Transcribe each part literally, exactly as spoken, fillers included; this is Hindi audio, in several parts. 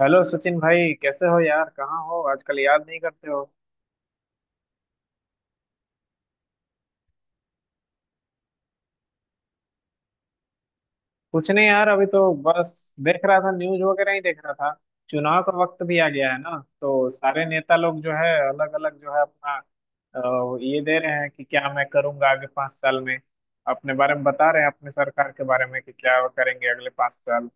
हेलो सचिन भाई, कैसे हो यार? कहाँ हो आजकल, याद नहीं करते हो? कुछ नहीं यार, अभी तो बस देख रहा था, न्यूज वगैरह ही देख रहा था। चुनाव का वक्त भी आ गया है ना, तो सारे नेता लोग जो है अलग अलग जो है अपना अ, ये दे रहे हैं कि क्या मैं करूंगा आगे पाँच साल में। अपने बारे में बता रहे हैं, अपने सरकार के बारे में कि क्या वो करेंगे अगले पाँच साल।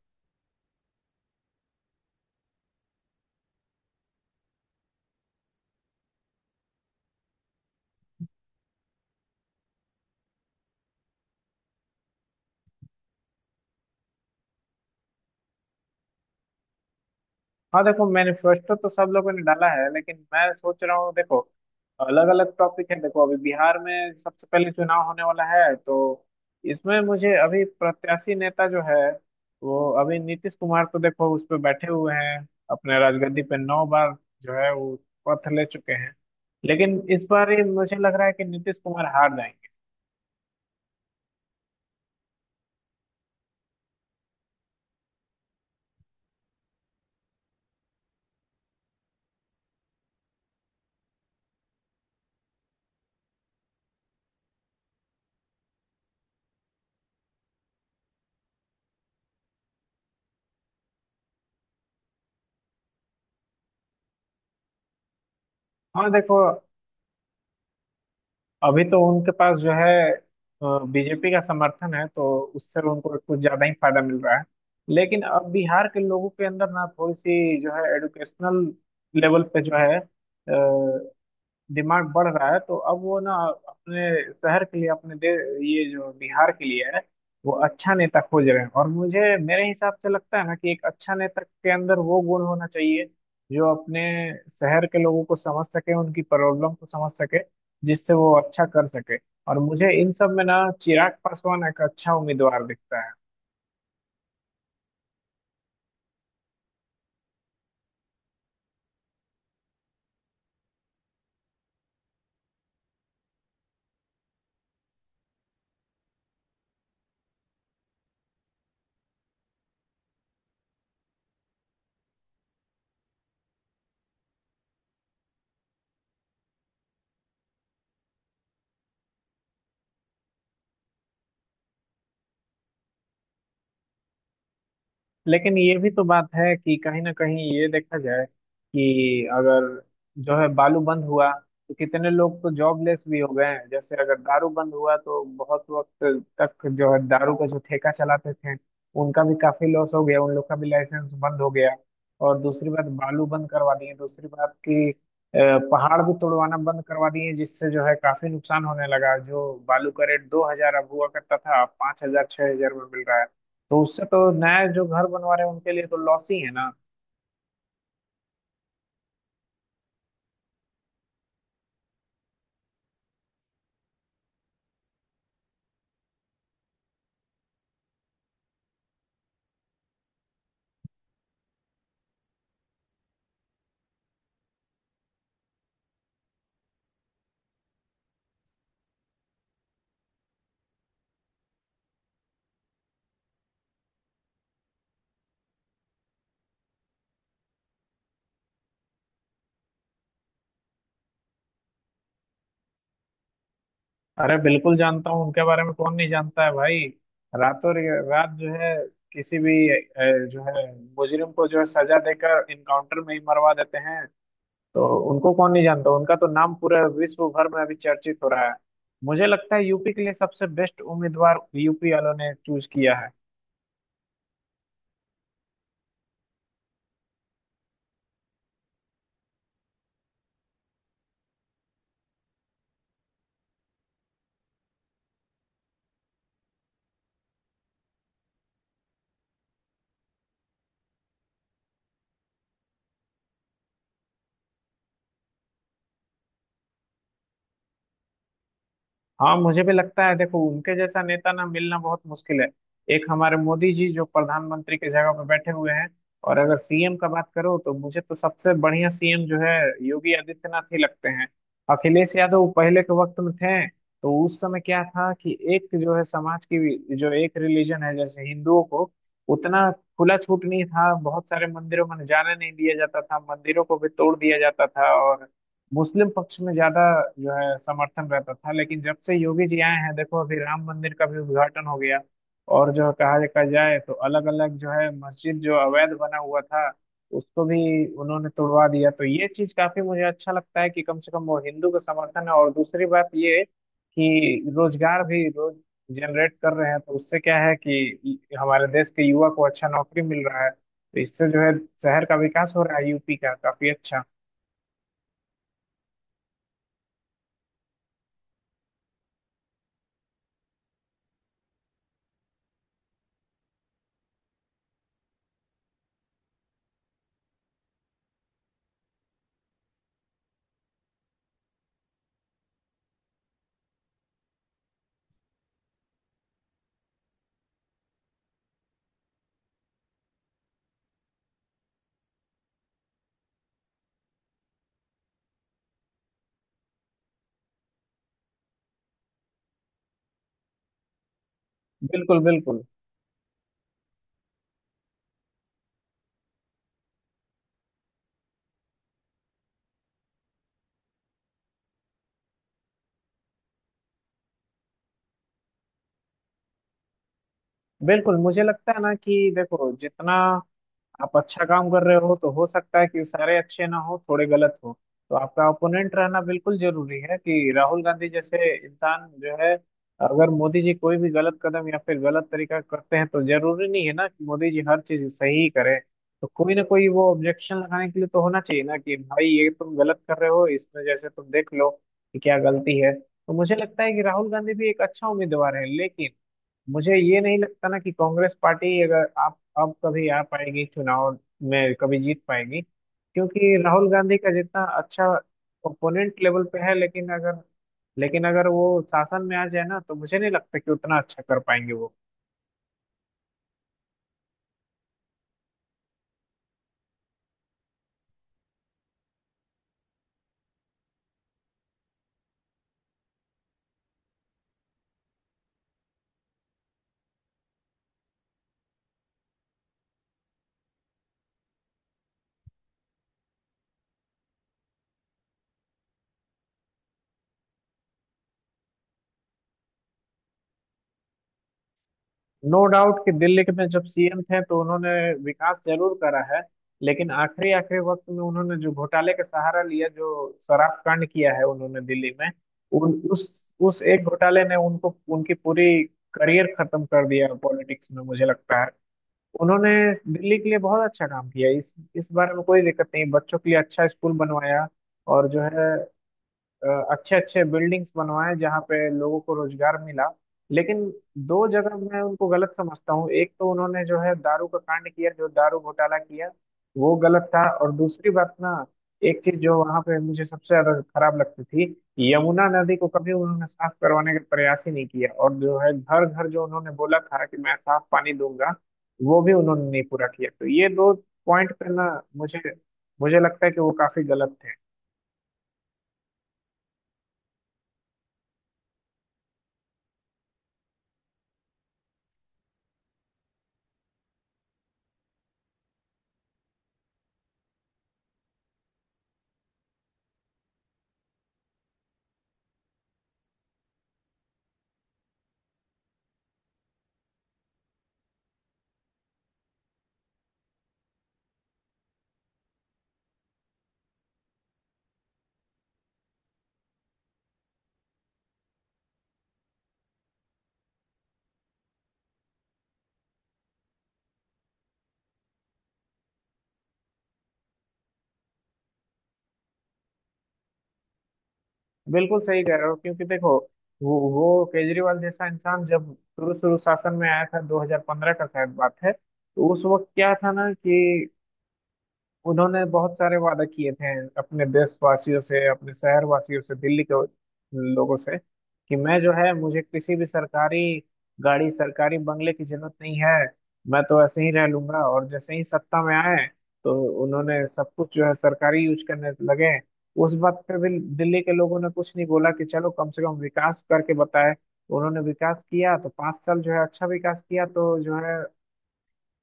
हाँ देखो, मैनिफेस्टो तो तो सब लोगों ने डाला है, लेकिन मैं सोच रहा हूँ। देखो, अलग अलग टॉपिक है। देखो अभी बिहार में सबसे पहले चुनाव होने वाला है, तो इसमें मुझे अभी प्रत्याशी नेता जो है, वो अभी नीतीश कुमार तो देखो उस पर बैठे हुए हैं, अपने राजगद्दी पे नौ बार जो है वो पथ ले चुके हैं। लेकिन इस बार ये मुझे लग रहा है कि नीतीश कुमार हार जाएंगे। हाँ देखो, अभी तो उनके पास जो है बीजेपी का समर्थन है, तो उससे उनको कुछ ज्यादा ही फायदा मिल रहा है। लेकिन अब बिहार के लोगों के अंदर ना थोड़ी सी जो है एडुकेशनल लेवल पे जो है डिमांड बढ़ रहा है, तो अब वो ना अपने शहर के लिए अपने दे, ये जो बिहार के लिए है, वो अच्छा नेता खोज रहे हैं। और मुझे, मेरे हिसाब से लगता है ना कि एक अच्छा नेता के अंदर वो गुण होना चाहिए जो अपने शहर के लोगों को समझ सके, उनकी प्रॉब्लम को समझ सके, जिससे वो अच्छा कर सके। और मुझे इन सब में ना चिराग पासवान एक अच्छा उम्मीदवार दिखता है। लेकिन ये भी तो बात है कि कहीं ना कहीं ये देखा जाए कि अगर जो है बालू बंद हुआ तो कितने लोग तो जॉबलेस भी हो गए हैं। जैसे अगर दारू बंद हुआ तो बहुत वक्त तक जो है दारू का जो ठेका चलाते थे, उनका भी काफी लॉस हो गया, उन लोग का भी लाइसेंस बंद हो गया। और दूसरी बात, बालू बंद करवा दिए। दूसरी बात कि अ, पहाड़ भी तोड़वाना बंद करवा दिए, जिससे जो है काफी नुकसान होने लगा। जो बालू का रेट दो हज़ार अब हुआ करता था, अब पाँच हज़ार छह हज़ार में मिल रहा है। तो उससे तो नया जो घर बनवा रहे हैं उनके लिए तो लॉस ही है ना। अरे बिल्कुल जानता हूँ उनके बारे में, कौन नहीं जानता है भाई। रातों रे- रात जो है किसी भी अ, जो है मुजरिम को जो है सजा देकर इनकाउंटर में ही मरवा देते हैं। तो उनको कौन नहीं जानता, उनका तो नाम पूरे विश्व भर में अभी चर्चित हो रहा है। मुझे लगता है यूपी के लिए सबसे बेस्ट उम्मीदवार यूपी वालों ने चूज किया है। हाँ मुझे भी लगता है, देखो उनके जैसा नेता ना मिलना बहुत मुश्किल है। एक हमारे मोदी जी जो प्रधानमंत्री की जगह पर बैठे हुए हैं, और अगर सीएम का बात करो तो मुझे तो सबसे बढ़िया सीएम जो है योगी आदित्यनाथ ही लगते हैं। अखिलेश यादव पहले के वक्त में थे तो उस समय क्या था कि एक जो है समाज की जो एक रिलीजन है, जैसे हिंदुओं को उतना खुला छूट नहीं था, बहुत सारे मंदिरों में जाने नहीं दिया जाता था, मंदिरों को भी तोड़ दिया जाता था, और मुस्लिम पक्ष में ज्यादा जो है समर्थन रहता था। लेकिन जब से योगी जी आए हैं, देखो अभी राम मंदिर का भी उद्घाटन हो गया, और जो कहा देखा जाए तो अलग अलग जो है मस्जिद जो अवैध बना हुआ था, उसको भी उन्होंने तोड़वा दिया। तो ये चीज काफी मुझे अच्छा लगता है कि कम से कम वो हिंदू का समर्थन है। और दूसरी बात ये कि रोजगार भी रोज जनरेट कर रहे हैं, तो उससे क्या है कि हमारे देश के युवा को अच्छा नौकरी मिल रहा है, तो इससे जो है शहर का विकास हो रहा है यूपी का काफी अच्छा। बिल्कुल बिल्कुल। बिल्कुल मुझे लगता है ना कि देखो, जितना आप अच्छा काम कर रहे हो तो हो सकता है कि सारे अच्छे ना हो, थोड़े गलत हो। तो आपका ओपोनेंट रहना बिल्कुल जरूरी है कि राहुल गांधी जैसे इंसान जो है, अगर मोदी जी कोई भी गलत कदम या फिर गलत तरीका करते हैं, तो जरूरी नहीं है ना कि मोदी जी हर चीज सही ही करें। तो कोई ना कोई वो ऑब्जेक्शन लगाने के लिए तो होना चाहिए ना कि भाई ये तुम गलत कर रहे हो, इसमें जैसे तुम देख लो कि क्या गलती है। तो मुझे लगता है कि राहुल गांधी भी एक अच्छा उम्मीदवार है, लेकिन मुझे ये नहीं लगता ना कि कांग्रेस पार्टी अगर आप अब कभी आ पाएगी, चुनाव में कभी जीत पाएगी। क्योंकि राहुल गांधी का जितना अच्छा ओपोनेंट लेवल पे है, लेकिन अगर, लेकिन अगर वो शासन में आ जाए ना तो मुझे नहीं लगता कि उतना अच्छा कर पाएंगे वो। नो डाउट कि दिल्ली के में जब सीएम थे तो उन्होंने विकास जरूर करा है, लेकिन आखिरी आखिरी वक्त में उन्होंने जो घोटाले का सहारा लिया, जो शराब कांड किया है उन्होंने दिल्ली में, उन उस उस एक घोटाले ने उनको, उनकी पूरी करियर खत्म कर दिया पॉलिटिक्स में, मुझे लगता है। उन्होंने दिल्ली के लिए बहुत अच्छा काम किया, इस इस बारे में कोई दिक्कत नहीं। बच्चों के लिए अच्छा स्कूल बनवाया, और जो है अच्छे अच्छे बिल्डिंग्स बनवाए, जहाँ पे लोगों को रोजगार मिला। लेकिन दो जगह मैं उनको गलत समझता हूँ। एक तो उन्होंने जो है दारू का कांड किया, जो दारू घोटाला किया, वो गलत था। और दूसरी बात ना, एक चीज जो वहां पे मुझे सबसे ज्यादा खराब लगती थी, यमुना नदी को कभी उन्होंने साफ करवाने का प्रयास ही नहीं किया। और जो है घर घर जो उन्होंने बोला था कि मैं साफ पानी दूंगा, वो भी उन्होंने नहीं पूरा किया। तो ये दो पॉइंट पे ना मुझे मुझे लगता है कि वो काफी गलत थे। बिल्कुल सही कह रहे हो, क्योंकि देखो वो वो केजरीवाल जैसा इंसान जब शुरू शुरू शासन में आया था, दो हज़ार पंद्रह का शायद बात है, तो उस वक्त क्या था ना कि उन्होंने बहुत सारे वादा किए थे अपने देशवासियों से, अपने शहरवासियों से, दिल्ली के लोगों से कि मैं जो है, मुझे किसी भी सरकारी गाड़ी, सरकारी बंगले की जरूरत नहीं है, मैं तो ऐसे ही रह लूंगा। और जैसे ही सत्ता में आए तो उन्होंने सब कुछ जो है सरकारी यूज करने लगे। उस बात पे भी दिल्ली के लोगों ने कुछ नहीं बोला कि चलो कम से कम विकास करके बताए। उन्होंने विकास किया तो पाँच साल जो है अच्छा विकास किया, तो जो है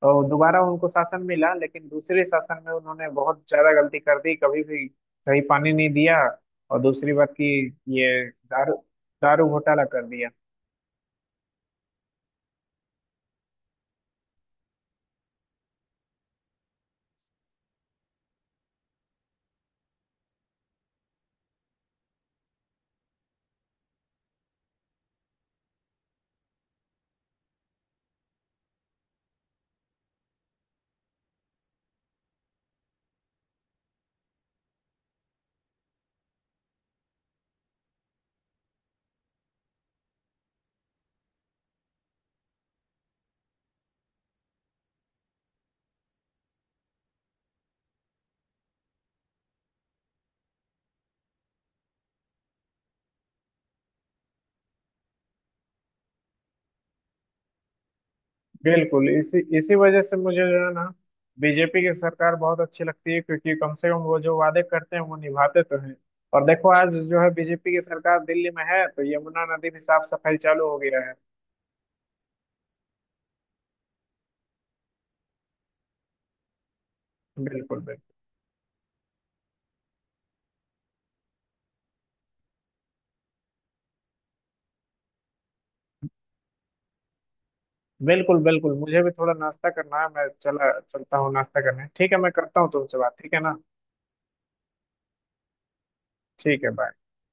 और दोबारा उनको शासन मिला। लेकिन दूसरे शासन में उन्होंने बहुत ज्यादा गलती कर दी, कभी भी सही पानी नहीं दिया। और दूसरी बात की, ये दारू, दारू घोटाला कर दिया। बिल्कुल इसी इसी वजह से मुझे जो है ना बीजेपी की सरकार बहुत अच्छी लगती है, क्योंकि कम से कम वो जो वादे करते हैं वो निभाते तो हैं। और देखो आज जो है बीजेपी की सरकार दिल्ली में है, तो यमुना नदी भी साफ सफाई चालू हो गया है। बिल्कुल बिल्कुल। बिल्कुल बिल्कुल मुझे भी थोड़ा नाश्ता करना है, मैं चला, चलता हूँ नाश्ता करने। ठीक है, मैं करता हूँ तुमसे बात, ठीक है ना। ठीक है, बाय।